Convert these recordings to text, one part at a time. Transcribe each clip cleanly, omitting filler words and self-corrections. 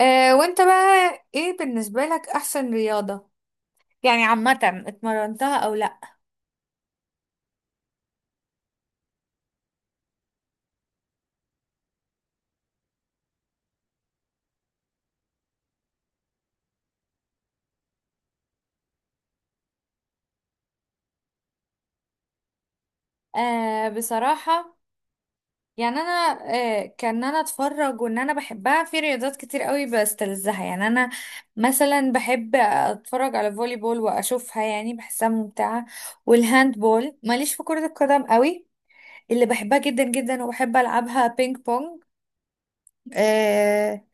وانت بقى ايه بالنسبة لك احسن رياضة يعني عامة اتمرنتها او لا؟ بصراحة، يعني انا كان انا اتفرج وان انا بحبها، في رياضات كتير قوي بستلذها يعني. انا مثلا بحب اتفرج على فولي بول واشوفها، يعني بحسها ممتعة، والهاند بول. ماليش في كرة القدم قوي. اللي بحبها جدا جدا وبحب العبها بينج بونج. آه،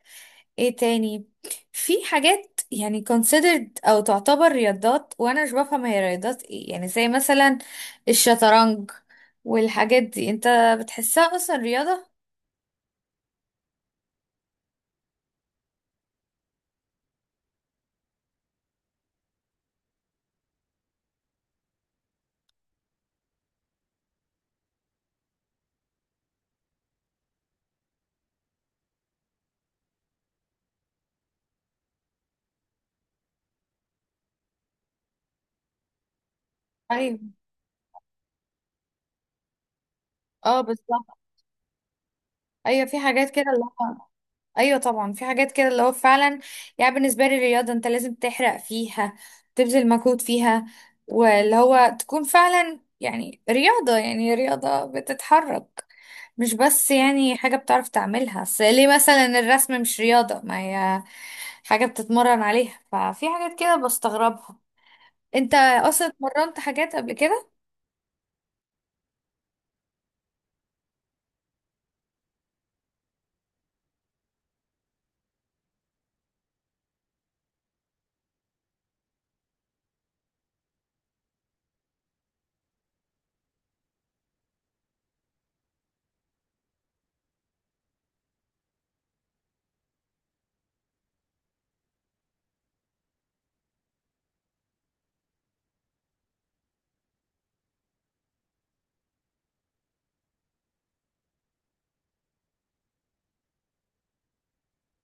ايه تاني؟ في حاجات يعني considered او تعتبر رياضات وانا مش بفهم هي رياضات ايه، يعني زي مثلا الشطرنج والحاجات دي، انت بتحسها اصلا رياضة؟ ايوه، اه بالظبط. ايوه، في حاجات كده اللي هو. ايوه طبعا، في حاجات كده اللي هو فعلا يعني. بالنسبه لي الرياضه انت لازم تحرق فيها، تبذل مجهود فيها، واللي هو تكون فعلا يعني رياضه، يعني رياضه بتتحرك، مش بس يعني حاجه بتعرف تعملها. اصل ليه مثلا الرسم مش رياضه؟ ما هي حاجه بتتمرن عليها. ففي حاجات كده بستغربها. انت اصلا اتمرنت حاجات قبل كده؟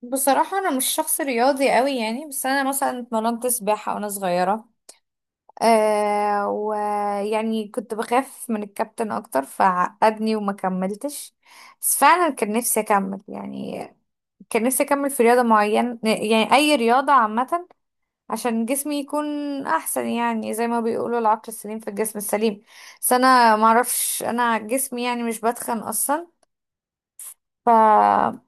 بصراحه انا مش شخص رياضي قوي يعني، بس انا مثلا اتمرنت سباحه وانا صغيره. ويعني كنت بخاف من الكابتن اكتر فعقدني وما كملتش، بس فعلا كان نفسي اكمل يعني. كان نفسي اكمل في رياضة معينة، يعني اي رياضة عامة، عشان جسمي يكون احسن، يعني زي ما بيقولوا العقل السليم في الجسم السليم. بس انا معرفش، انا جسمي يعني مش بتخن اصلا. ف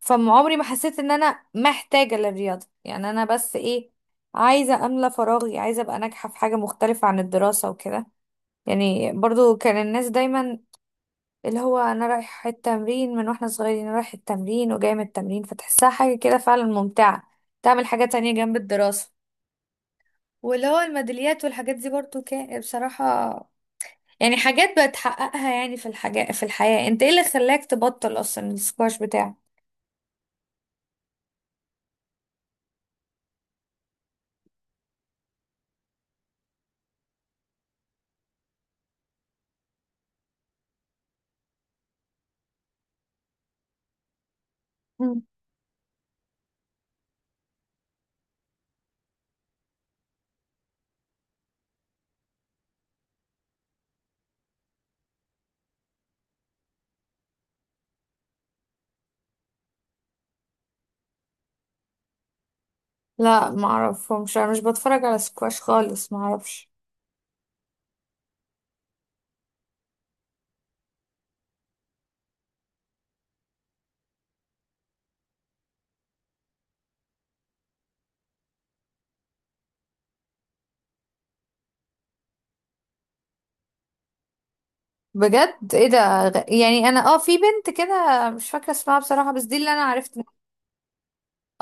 فعمري ما حسيت ان انا محتاجة للرياضة. يعني انا بس ايه، عايزة املى فراغي، عايزة ابقى ناجحة في حاجة مختلفة عن الدراسة وكده. يعني برضو كان الناس دايما اللي هو انا رايح التمرين من واحنا صغيرين، رايح التمرين وجاي من التمرين، فتحسها حاجة كده فعلا ممتعة، تعمل حاجة تانية جنب الدراسة، واللي هو الميداليات والحاجات دي برضو كان بصراحة يعني حاجات بتحققها يعني في الحاجة في الحياة. انت ايه اللي خلاك تبطل اصلا السكواش بتاعك؟ مم. لا ما اعرفهمش، انا مش بتفرج على سكواش خالص، ما اعرفش. بجد، ايه ده؟ يعني انا اه في بنت كده مش فاكره اسمها بصراحه، بس دي اللي انا عرفت.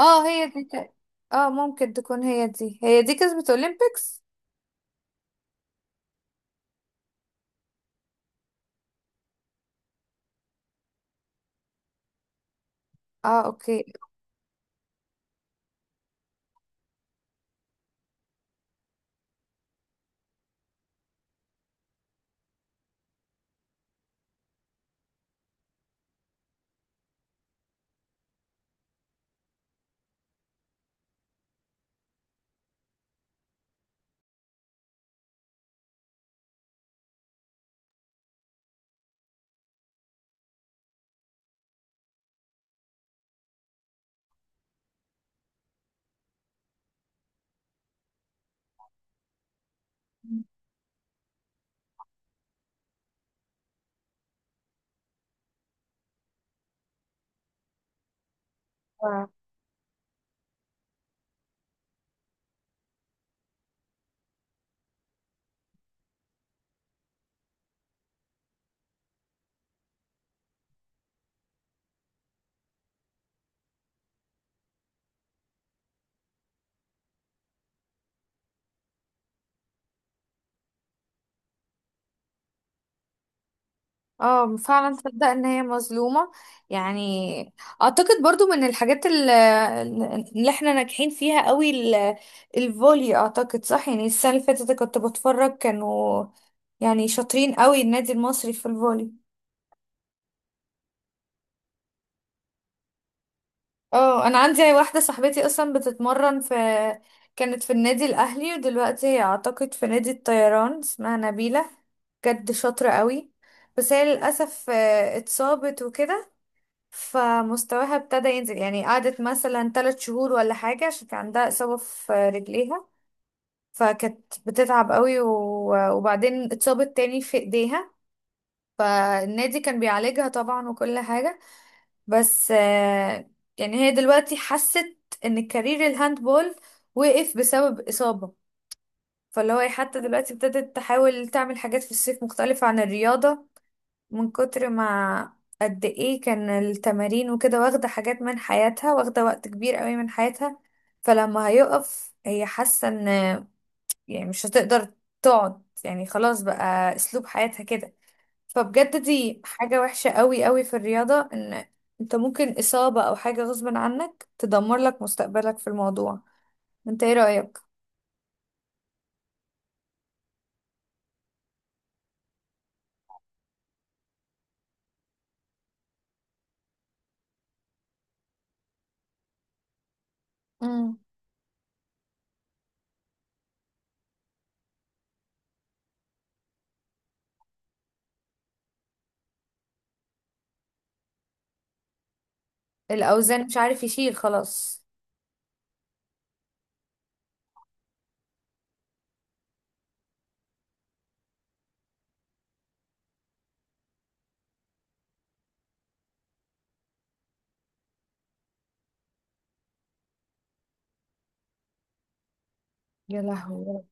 اه هي دي اه ممكن تكون هي دي. هي دي كسبت اولمبيكس؟ اه اوكي. اه، فعلا تصدق ان هي مظلومة؟ يعني اعتقد برضو من الحاجات اللي احنا ناجحين فيها قوي الفولي، اعتقد صح. يعني السنة اللي فاتت كنت بتفرج، كانوا يعني شاطرين قوي، النادي المصري في الفولي. اه انا عندي واحده صاحبتي اصلا بتتمرن في، كانت في النادي الاهلي ودلوقتي هي اعتقد في نادي الطيران، اسمها نبيله. بجد شاطره قوي. بس هي للاسف اتصابت وكده، فمستواها ابتدى ينزل، يعني قعدت مثلا 3 شهور ولا حاجه عشان كان عندها اصابه في رجليها، فكانت بتتعب قوي وبعدين اتصابت تاني في ايديها. فالنادي كان بيعالجها طبعا وكل حاجه، بس يعني هي دلوقتي حست ان الكارير الهاندبول وقف بسبب إصابة. فاللي هو إيه، حتى دلوقتي ابتدت تحاول تعمل حاجات في الصيف مختلفة عن الرياضة، من كتر ما قد ايه كان التمارين وكده، واخدة حاجات من حياتها، واخدة وقت كبير قوي من حياتها. فلما هيقف، هي حاسة ان يعني مش هتقدر تقعد، يعني خلاص بقى اسلوب حياتها كده. فبجد دي حاجة وحشة قوي قوي في الرياضة، ان انت ممكن اصابة او حاجة غصب عنك تدمر لك مستقبلك في الموضوع. انت ايه رأيك؟ امم، الاوزان مش عارف يشيل خلاص. يا لهوي يا رب.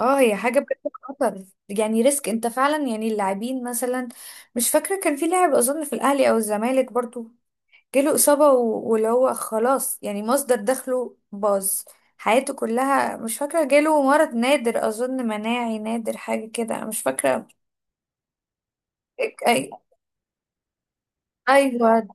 اه، هي حاجة بجد خطر، يعني ريسك انت فعلا. يعني اللاعبين مثلا، مش فاكرة كان في لاعب اظن في الاهلي او الزمالك برضو، جاله إصابة واللي هو خلاص، يعني مصدر دخله باظ، حياته كلها. مش فاكرة جاله مرض نادر أظن، مناعي نادر حاجة كده، أنا مش فاكرة. أي... أيوة.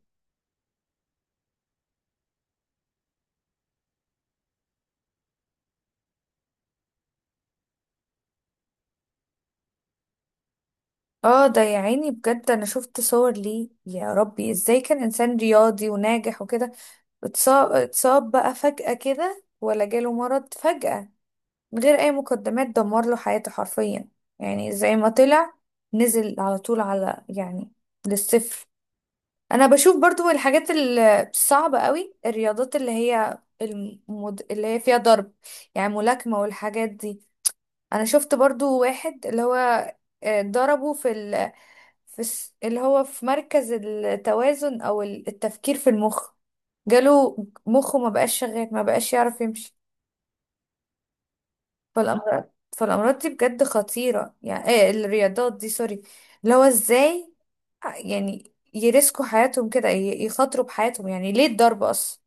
اه ده، يا عيني، بجد أنا شفت صور ليه، يا ربي إزاي كان إنسان رياضي وناجح وكده، اتصاب بقى فجأة كده، ولا جاله مرض فجأة من غير أي مقدمات، دمر له حياته حرفيا. يعني زي ما طلع نزل على طول على يعني للصفر. انا بشوف برضو الحاجات الصعبة قوي، الرياضات اللي هي اللي هي فيها ضرب، يعني ملاكمة والحاجات دي. انا شفت برضو واحد، اللي هو ضربه في في اللي هو في مركز التوازن او التفكير في المخ، جاله مخه ما بقاش شغال، ما بقاش يعرف يمشي. فالأمراض فالأمراض دي بجد خطيرة. يعني ايه الرياضات دي، سوري، اللي هو ازاي يعني يرسكوا حياتهم كده، يخاطروا بحياتهم، يعني ليه الضرب أصلا؟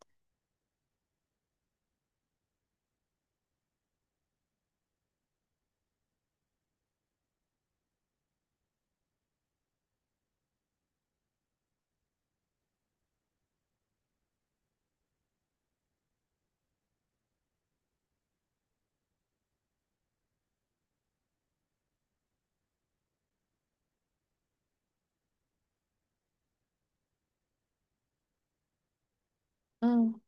مم.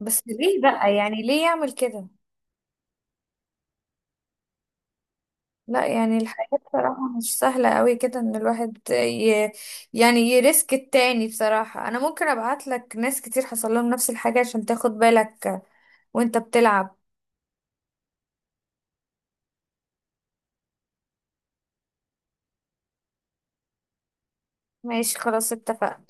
بس ليه بقى، يعني ليه يعمل كده؟ لا، يعني الحياة بصراحة مش سهلة قوي كده، ان الواحد يعني يرسك التاني. بصراحة انا ممكن ابعت لك ناس كتير حصل لهم نفس الحاجة عشان تاخد بالك وانت بتلعب. ماشي، خلاص اتفقنا.